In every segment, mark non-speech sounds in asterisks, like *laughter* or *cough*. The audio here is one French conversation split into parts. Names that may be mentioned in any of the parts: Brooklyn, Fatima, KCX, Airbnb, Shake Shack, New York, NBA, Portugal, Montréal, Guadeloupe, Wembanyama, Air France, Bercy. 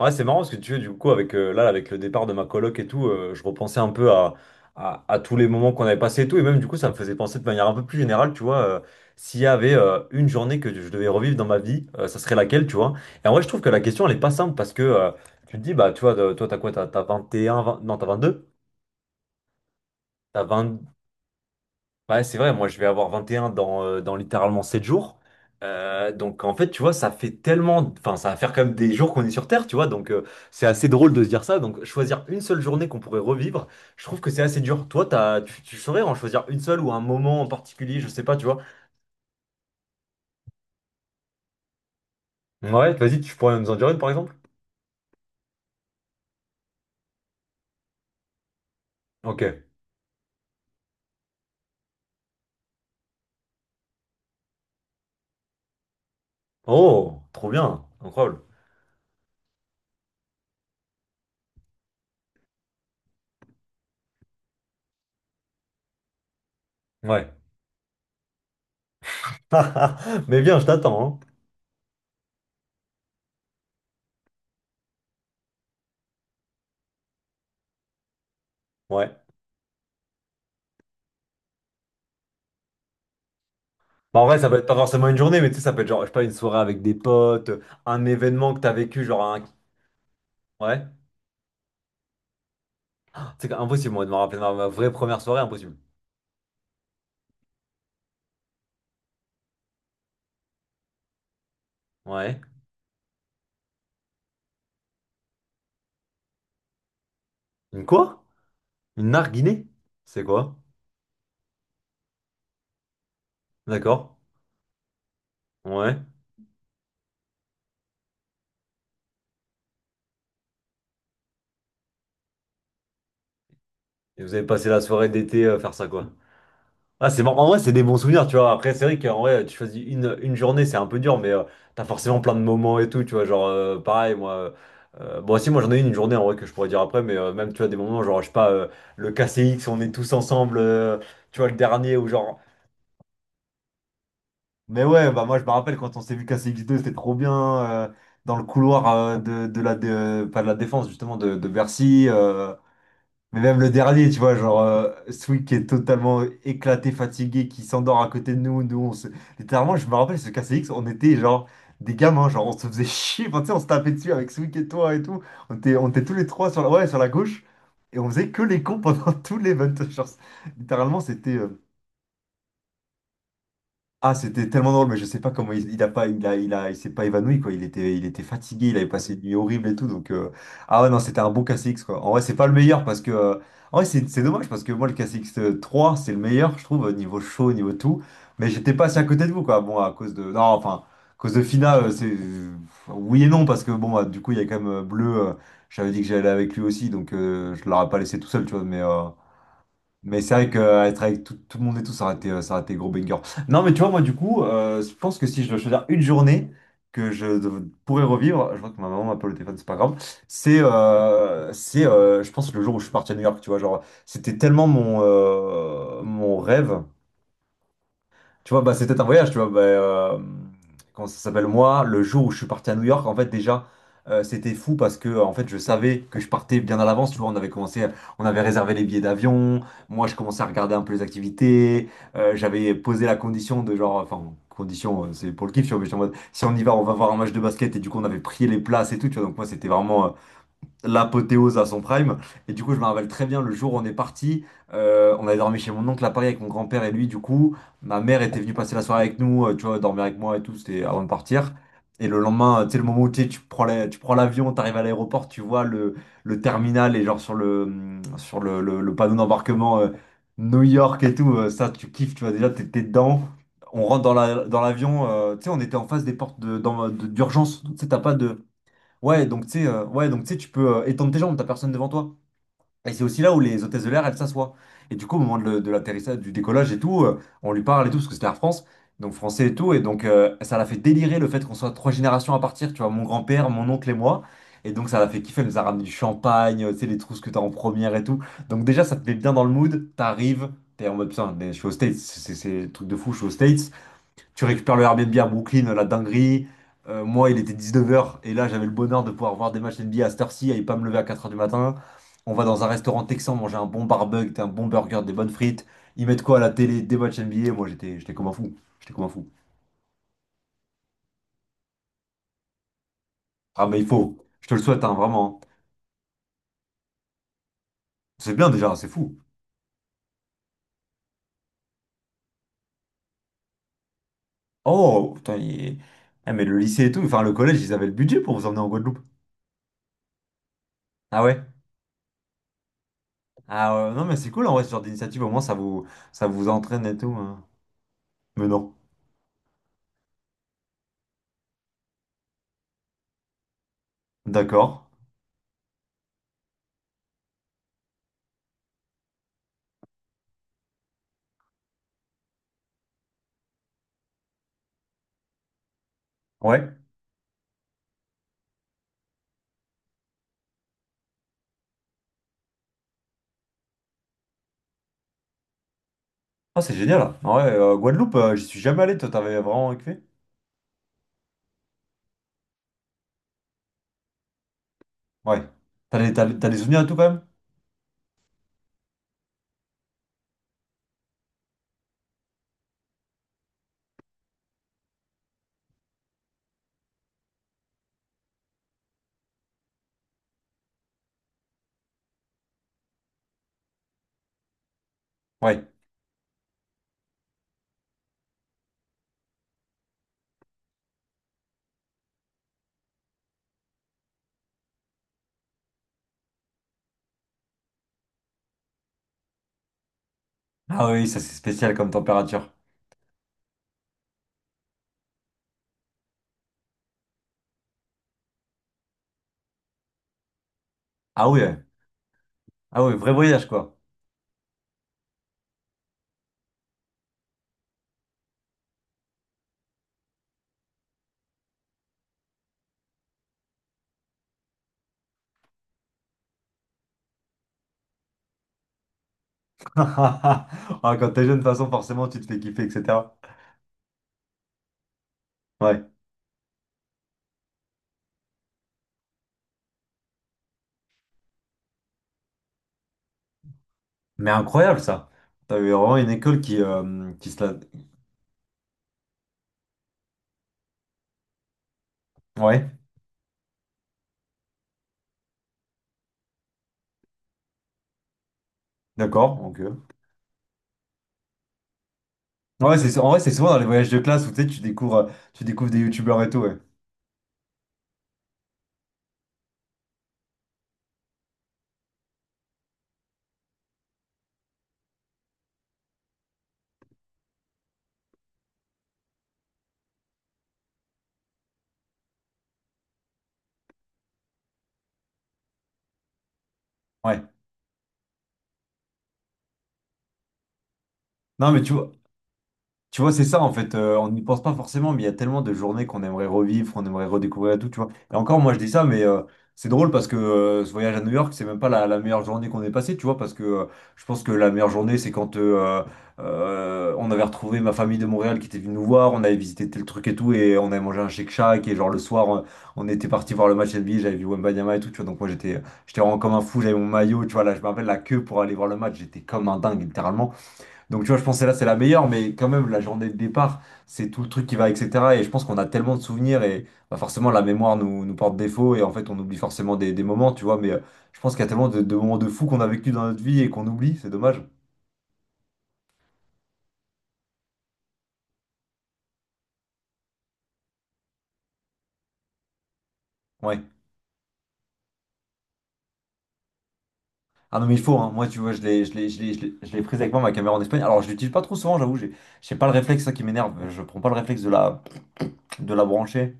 Ouais, c'est marrant parce que tu veux, du coup, avec, là, avec le départ de ma coloc et tout, je repensais un peu à, à tous les moments qu'on avait passés et tout. Et même, du coup, ça me faisait penser de manière un peu plus générale, tu vois, s'il y avait une journée que je devais revivre dans ma vie, ça serait laquelle, tu vois. Et en vrai, je trouve que la question, elle est pas simple parce que tu te dis, bah, tu vois, toi, t'as quoi? T'as 21, 20 non, t'as vingt deux. T'as vingt. Ouais, c'est vrai, moi je vais avoir 21 dans, dans littéralement 7 jours. Donc en fait, tu vois, ça fait tellement... Enfin, ça va faire quand même des jours qu'on est sur Terre, tu vois. C'est assez drôle de se dire ça. Donc choisir une seule journée qu'on pourrait revivre, je trouve que c'est assez dur. Toi, tu saurais en choisir une seule ou un moment en particulier, je sais pas, tu vois. Ouais, vas-y, tu pourrais nous en dire une par exemple? Ok. Oh, trop bien, incroyable. Ouais. *laughs* Mais bien, je t'attends, hein. Ouais. Bah, en vrai, ça peut être pas forcément une journée, mais tu sais, ça peut être genre, je sais pas, une soirée avec des potes, un événement que t'as vécu, genre un. Ouais. C'est impossible, moi, de me rappeler ma vraie première soirée, impossible. Ouais. Une quoi? Une narguinée? C'est quoi? D'accord. Ouais. Et vous avez passé la soirée d'été faire ça, quoi. Ah, c'est marrant. En vrai, c'est des bons souvenirs, tu vois. Après, c'est vrai qu'en vrai, tu choisis une journée, c'est un peu dur, mais t'as forcément plein de moments et tout, tu vois. Genre, pareil, moi. Bon, si, moi, j'en ai une journée, en vrai, que je pourrais dire après, mais même, tu vois, des moments, genre, je sais pas, le KCX, on est tous ensemble, tu vois, le dernier, ou genre. Mais ouais, bah moi je me rappelle quand on s'est vu casser X2, c'était trop bien euh, dans le couloir de la pas de la défense justement de Bercy. Mais même le dernier, tu vois, genre Sweet qui est totalement éclaté, fatigué, qui s'endort à côté de nous. Nous, on se... littéralement, je me rappelle ce casser X, on était genre des gamins, genre on se faisait *laughs* chier. Enfin, tu sais, on se tapait dessus avec Sweet et toi et tout. On était tous les trois sur la, ouais, sur la gauche et on faisait que les cons pendant *laughs* tout l'event. Genre, littéralement, c'était. Ah, c'était tellement drôle, mais je sais pas comment il a pas, il a, il s'est pas évanoui, quoi. Il était fatigué, il avait passé une nuit horrible et tout. Donc, ah ouais, non, c'était un bon KCX, quoi. En vrai, c'est pas le meilleur parce que, en vrai, c'est dommage parce que moi, le KCX 3 c'est le meilleur, je trouve, niveau show, niveau tout. Mais j'étais pas assez à côté de vous, quoi. Bon, à cause de, non, enfin, à cause de Fina, c'est, oui et non, parce que bon, bah, du coup, il y a quand même Bleu, j'avais dit que j'allais avec lui aussi, donc je l'aurais pas laissé tout seul, tu vois. Mais c'est vrai qu'être avec tout le monde et tout, ça aurait été gros banger. Non, mais tu vois, moi, du coup, je pense que si je dois choisir une journée que je pourrais revivre, je vois que ma maman m'appelle au téléphone, c'est pas grave, c'est je pense, le jour où je suis parti à New York, tu vois, genre, c'était tellement mon, mon rêve. Tu vois, bah, c'était un voyage, tu vois. Comment ça s'appelle, moi, le jour où je suis parti à New York, en fait, déjà, c'était fou parce que, en fait, je savais que je partais bien à l'avance. Tu vois, on avait commencé, on avait réservé les billets d'avion. Moi, je commençais à regarder un peu les activités. J'avais posé la condition de genre, enfin, condition, c'est pour le kiff, tu vois, mais j'étais en mode, si on y va, on va voir un match de basket. Et du coup, on avait prié les places et tout, tu vois. Donc, moi, c'était vraiment. L'apothéose à son prime. Et du coup, je me rappelle très bien le jour où on est parti. On avait dormi chez mon oncle à Paris avec mon grand-père et lui. Du coup, ma mère était venue passer la soirée avec nous, tu vois, dormir avec moi et tout. C'était avant de partir. Et le lendemain, tu sais, le moment où tu sais, tu prends tu prends l'avion, tu arrives à l'aéroport, tu vois le terminal et genre sur le, le panneau d'embarquement New York et tout, ça, tu kiffes, tu vois, déjà, t'es dedans. On rentre dans la, dans l'avion, tu sais, on était en face des portes d'urgence. Tu sais, t'as pas de. Ouais, donc tu sais, ouais, donc tu sais, tu peux étendre tes jambes, t'as personne devant toi. Et c'est aussi là où les hôtesses de l'air, elles s'assoient. Et du coup, au moment de, de l'atterrissage, du décollage et tout, on lui parle et tout, parce que c'était Air France, donc français et tout. Et donc, ça l'a fait délirer le fait qu'on soit 3 générations à partir, tu vois, mon grand-père, mon oncle et moi. Et donc, ça l'a fait kiffer, elle nous a ramené du champagne, tu sais, les trousses que t'as en première et tout. Donc, déjà, ça te met bien dans le mood, t'arrives, t'es en mode, putain, mais je suis aux States, c'est le truc de fou, je suis aux States. Tu récupères le Airbnb à Brooklyn, la dinguerie. Moi, il était 19 h et là, j'avais le bonheur de pouvoir voir des matchs NBA à cette heure-ci et pas me lever à 4 h du matin. On va dans un restaurant texan manger un bon barbecue, un bon burger, des bonnes frites. Ils mettent quoi à la télé? Des matchs NBA. Moi, j'étais comme un fou. J'étais comme un fou. Ah, mais il faut. Je te le souhaite, hein, vraiment. C'est bien déjà, c'est fou. Oh, putain, eh, mais le lycée et tout, enfin le collège, ils avaient le budget pour vous emmener en Guadeloupe. Ah ouais? Ah ouais, non, mais c'est cool en vrai, ce genre d'initiative. Au moins, ça vous entraîne et tout, hein. Mais non. D'accord. Ouais. Ah, c'est génial. En vrai, Guadeloupe, j'y suis jamais allé. Toi, t'avais vraiment kiffé? Ouais. T'as des souvenirs et tout quand même? Ouais. Ah oui, ça c'est spécial comme température. Ah ouais. Ah ouais, vrai voyage quoi. *laughs* Ah, quand t'es jeune, de toute façon, forcément, tu te fais kiffer, etc. Ouais. Mais incroyable ça. T'avais vraiment une école qui se la... Ouais, d'accord. Ok. Ouais, c'est, en vrai, c'est souvent dans les voyages de classe où tu sais, tu découvres des youtubeurs et tout, ouais. Ouais. Non, mais tu vois, c'est ça en fait, on n'y pense pas forcément, mais il y a tellement de journées qu'on aimerait revivre, qu'on aimerait redécouvrir et tout, tu vois. Et encore, moi je dis ça, mais c'est drôle parce que ce voyage à New York, c'est même pas la meilleure journée qu'on ait passée, tu vois, parce que je pense que la meilleure journée, c'est quand on avait retrouvé ma famille de Montréal qui était venue nous voir, on avait visité tel truc et tout, et on avait mangé un Shake Shack, et genre le soir, on était parti voir le match NBA, j'avais vu Wembanyama et tout, tu vois, donc moi j'étais vraiment comme un fou, j'avais mon maillot, tu vois, là je me rappelle la queue pour aller voir le match, j'étais comme un dingue, littéralement. Donc tu vois, je pense que là, c'est la meilleure, mais quand même, la journée de départ, c'est tout le truc qui va, etc. Et je pense qu'on a tellement de souvenirs et bah, forcément, la mémoire nous porte défaut et en fait, on oublie forcément des moments, tu vois. Mais je pense qu'il y a tellement de moments de fou qu'on a vécu dans notre vie et qu'on oublie, c'est dommage. Ouais. Ah non, mais il faut, hein. Moi, tu vois, je l'ai prise avec moi, ma caméra en Espagne. Alors, je l'utilise pas trop souvent, j'avoue, j'ai pas le réflexe, ça qui m'énerve. Je prends pas le réflexe de la brancher.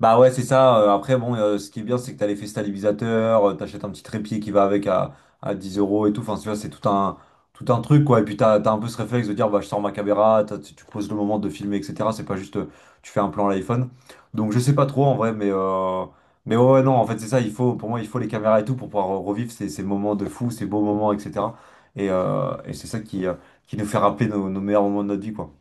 Bah ouais, c'est ça. Après, bon, ce qui est bien, c'est que t'as l'effet stabilisateur, t'achètes un petit trépied qui va avec à 10 euros et tout. Enfin, tu vois, c'est tout un truc, quoi. Et puis, t'as un peu ce réflexe de dire, bah, je sors ma caméra, tu poses le moment de filmer, etc. C'est pas juste, tu fais un plan à l'iPhone. Donc, je sais pas trop, en vrai, mais ouais, ouais, non, en fait, c'est ça. Il faut, pour moi, il faut les caméras et tout pour pouvoir revivre ces moments de fou, ces beaux moments, etc. Et c'est ça qui nous fait rappeler nos meilleurs moments de notre vie, quoi.